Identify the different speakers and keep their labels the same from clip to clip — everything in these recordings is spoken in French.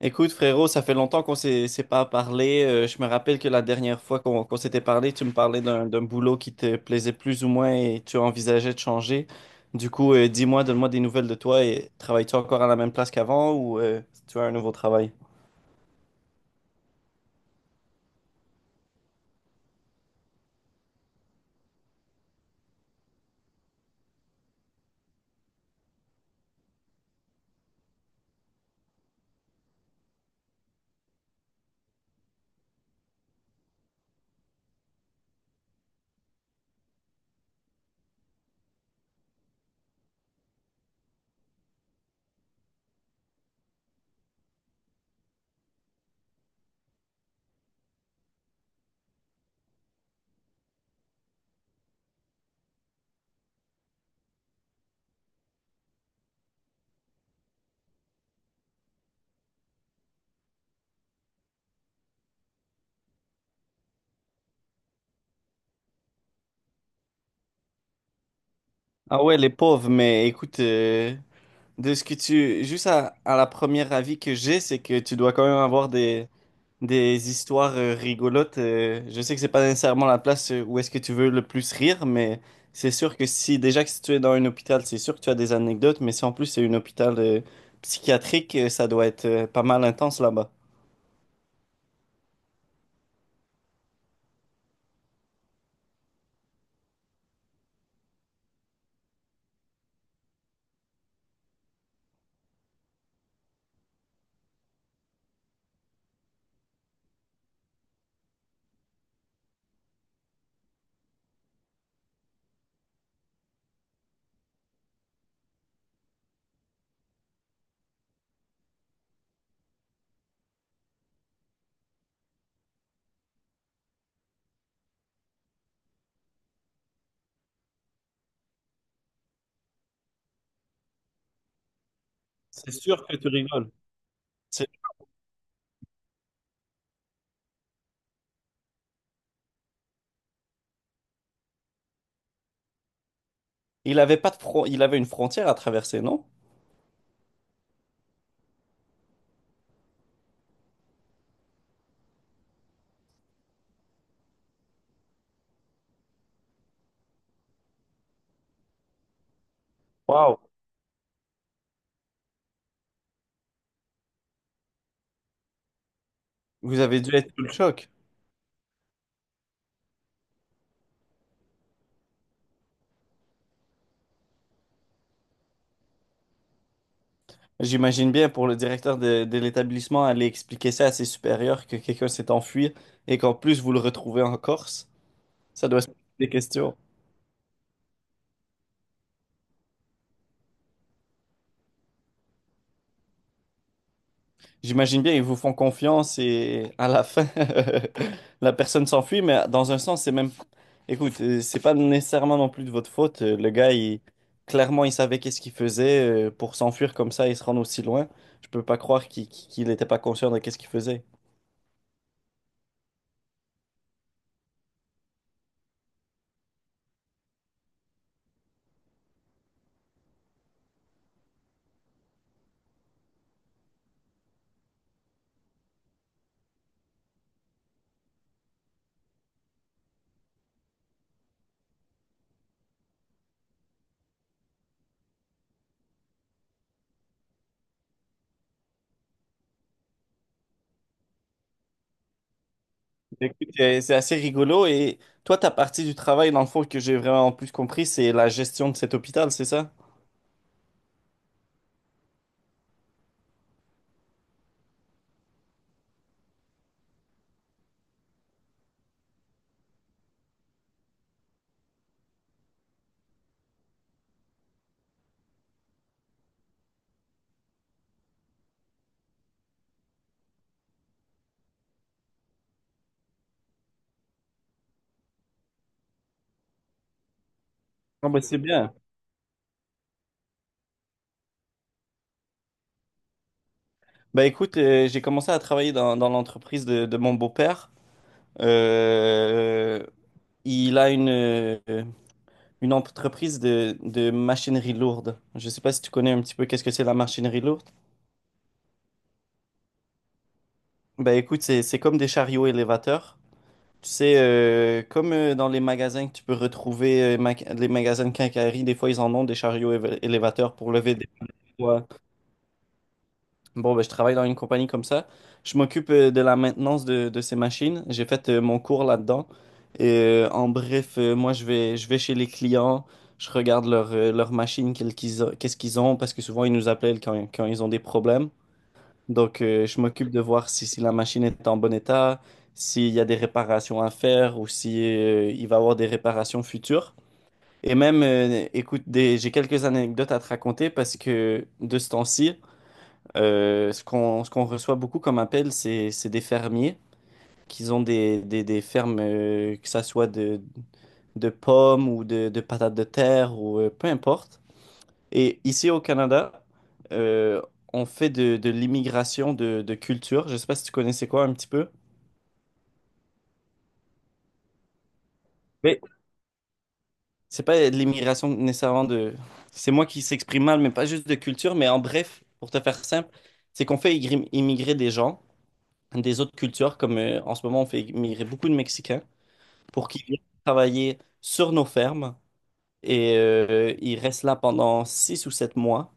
Speaker 1: Écoute, frérot, ça fait longtemps qu'on s'est pas parlé. Je me rappelle que la dernière fois qu'on s'était parlé, tu me parlais d'un boulot qui te plaisait plus ou moins et tu envisageais de changer. Du coup, dis-moi, donne-moi des nouvelles de toi et travailles-tu encore à la même place qu'avant ou tu as un nouveau travail? Ah ouais, les pauvres, mais écoute, de ce que tu... Juste à la première avis que j'ai, c'est que tu dois quand même avoir des histoires rigolotes. Je sais que c'est pas nécessairement la place où est-ce que tu veux le plus rire, mais c'est sûr que si déjà que si tu es dans un hôpital, c'est sûr que tu as des anecdotes, mais si en plus c'est un hôpital psychiatrique, ça doit être pas mal intense là-bas. C'est- il avait une frontière à traverser, non? Waouh. Vous avez dû être sous le choc. J'imagine bien pour le directeur de l'établissement aller expliquer ça à ses supérieurs que quelqu'un s'est enfui et qu'en plus vous le retrouvez en Corse. Ça doit se poser des questions. J'imagine bien, ils vous font confiance et à la fin, la personne s'enfuit, mais dans un sens, c'est même... Écoute, c'est pas nécessairement non plus de votre faute. Le gars, il... Clairement, il savait qu'est-ce qu'il faisait pour s'enfuir comme ça et se rendre aussi loin. Je peux pas croire qu'il était pas conscient de qu'est-ce qu'il faisait. Écoute, c'est assez rigolo. Et toi, ta partie du travail, dans le fond, que j'ai vraiment plus compris, c'est la gestion de cet hôpital, c'est ça? Ah bah c'est bien. Bah écoute, j'ai commencé à travailler dans l'entreprise de mon beau-père. Euh, Il a une entreprise de machinerie lourde. Je ne sais pas si tu connais un petit peu qu'est-ce que c'est la machinerie lourde. Ben écoute, c'est comme des chariots élévateurs. Tu sais, comme dans les magasins que tu peux retrouver, les magasins de quincaillerie, des fois ils en ont des chariots élévateurs pour lever des poids. Bon, ben, je travaille dans une compagnie comme ça. Je m'occupe de la maintenance de ces machines. J'ai fait mon cours là-dedans. Et, en bref, moi, je vais chez les clients. Je regarde leurs machines, qu'est-ce qu'ils ont, parce que souvent, ils nous appellent quand ils ont des problèmes. Donc, je m'occupe de voir si la machine est en bon état, s'il y a des réparations à faire ou si, il va y avoir des réparations futures. Et même, écoute, j'ai quelques anecdotes à te raconter parce que de ce temps-ci, ce qu'on reçoit beaucoup comme appel, c'est des fermiers qui ont des fermes, que ça soit de pommes ou de patates de terre ou peu importe. Et ici au Canada, euh, on fait de l'immigration de culture. Je sais pas si tu connaissais quoi un petit peu. Mais c'est pas de l'immigration nécessairement de... C'est moi qui s'exprime mal, mais pas juste de culture. Mais en bref, pour te faire simple, c'est qu'on fait immigrer des gens des autres cultures, comme en ce moment on fait immigrer beaucoup de Mexicains, pour qu'ils viennent travailler sur nos fermes et ils restent là pendant 6 ou 7 mois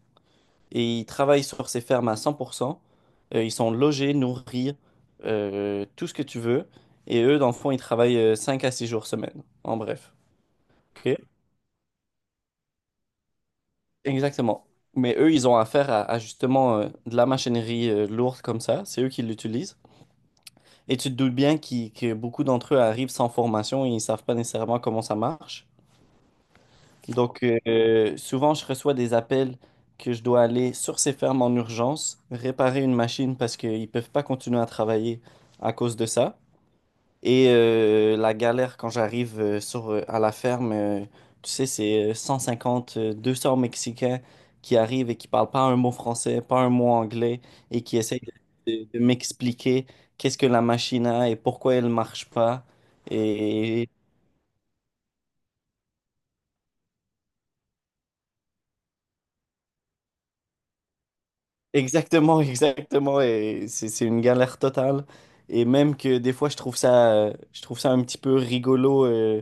Speaker 1: et ils travaillent sur ces fermes à 100%. Ils sont logés, nourris, tout ce que tu veux. Et eux, dans le fond, ils travaillent 5 à 6 jours semaine, en bref. OK. Exactement. Mais eux, ils ont affaire à justement de la machinerie lourde comme ça. C'est eux qui l'utilisent. Et tu te doutes bien que beaucoup d'entre eux arrivent sans formation et ils ne savent pas nécessairement comment ça marche. Donc, souvent, je reçois des appels que je dois aller sur ces fermes en urgence, réparer une machine parce qu'ils ne peuvent pas continuer à travailler à cause de ça. Et la galère quand j'arrive à la ferme, tu sais, c'est 150 200 Mexicains qui arrivent et qui parlent pas un mot français, pas un mot anglais, et qui essayent de m'expliquer qu'est-ce que la machine a et pourquoi elle marche pas. Et, Exactement, exactement. Et c'est une galère totale. Et même que des fois, je trouve ça un petit peu rigolo,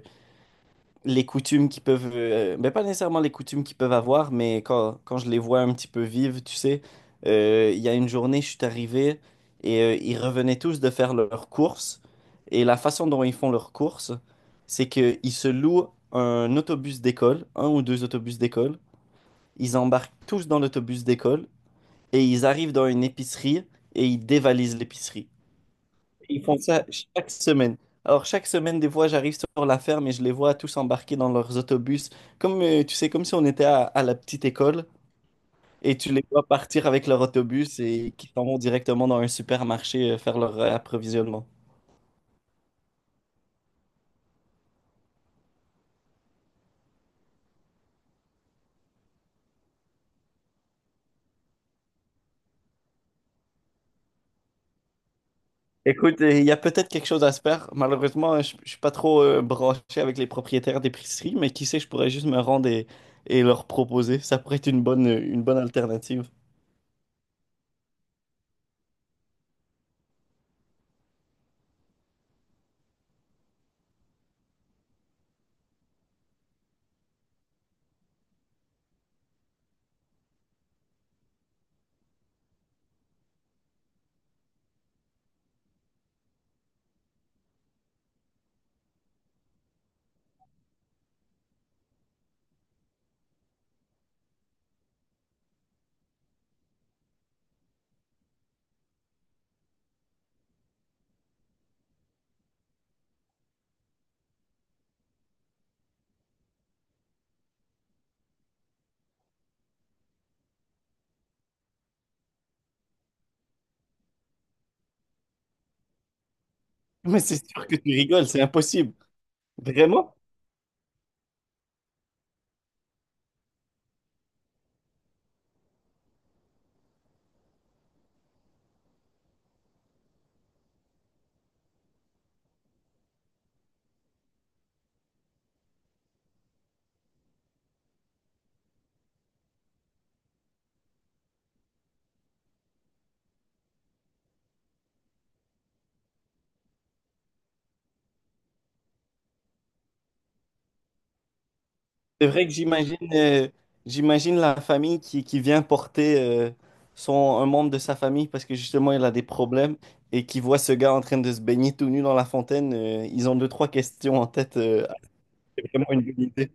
Speaker 1: les coutumes qui peuvent... Ben pas nécessairement les coutumes qu'ils peuvent avoir, mais quand je les vois un petit peu vivre, tu sais, il y a une journée, je suis arrivé et ils revenaient tous de faire leurs courses. Et la façon dont ils font leurs courses, c'est qu'ils se louent un autobus d'école, un ou deux autobus d'école. Ils embarquent tous dans l'autobus d'école et ils arrivent dans une épicerie et ils dévalisent l'épicerie. Ils font ça chaque semaine. Alors chaque semaine, des fois, j'arrive sur la ferme et je les vois tous embarqués dans leurs autobus, comme tu sais, comme si on était à la petite école, et tu les vois partir avec leur autobus et qui s'en vont directement dans un supermarché faire leur approvisionnement. Écoute, il y a peut-être quelque chose à se faire. Malheureusement, je suis pas trop branché avec les propriétaires d'épicerie, mais qui sait, je pourrais juste me rendre et leur proposer. Ça pourrait être une bonne alternative. Mais c'est sûr que tu rigoles, c'est impossible. Vraiment? C'est vrai que j'imagine la famille qui vient porter son, un membre de sa famille parce que justement il a des problèmes et qui voit ce gars en train de se baigner tout nu dans la fontaine. Ils ont deux, trois questions en tête. C'est vraiment une bonne idée.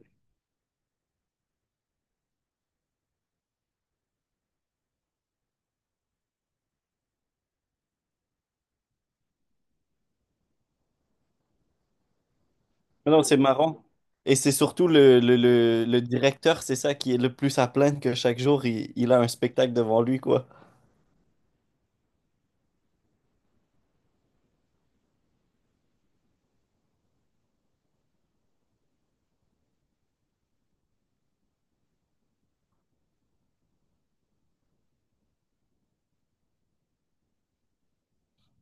Speaker 1: Mais non, c'est marrant. Et c'est surtout le directeur, c'est ça qui est le plus à plaindre que chaque jour, il a un spectacle devant lui, quoi.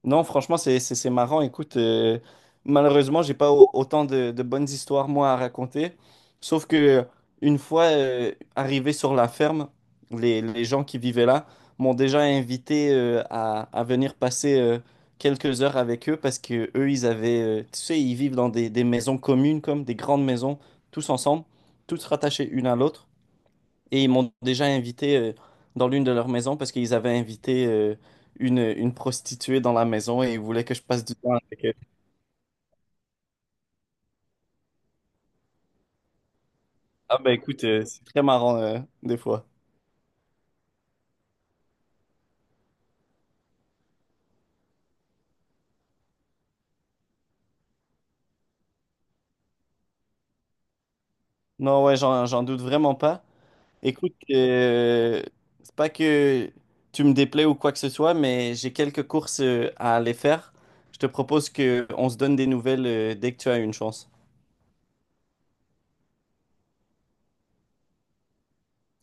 Speaker 1: Non, franchement, c'est marrant. Écoute, malheureusement, j'ai pas autant de bonnes histoires, moi, à raconter. Sauf que une fois arrivé sur la ferme, les gens qui vivaient là m'ont déjà invité à venir passer quelques heures avec eux parce que eux, ils avaient, tu sais, ils vivent dans des maisons communes, comme des grandes maisons, tous ensemble, toutes rattachées une à l'autre. Et ils m'ont déjà invité dans l'une de leurs maisons parce qu'ils avaient invité une prostituée dans la maison et ils voulaient que je passe du temps avec elle. Ah ben écoute, c'est très marrant des fois. Non, ouais, j'en doute vraiment pas. Écoute, c'est pas que tu me déplais ou quoi que ce soit, mais j'ai quelques courses à aller faire. Je te propose que on se donne des nouvelles dès que tu as une chance.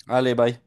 Speaker 1: Allez, bye.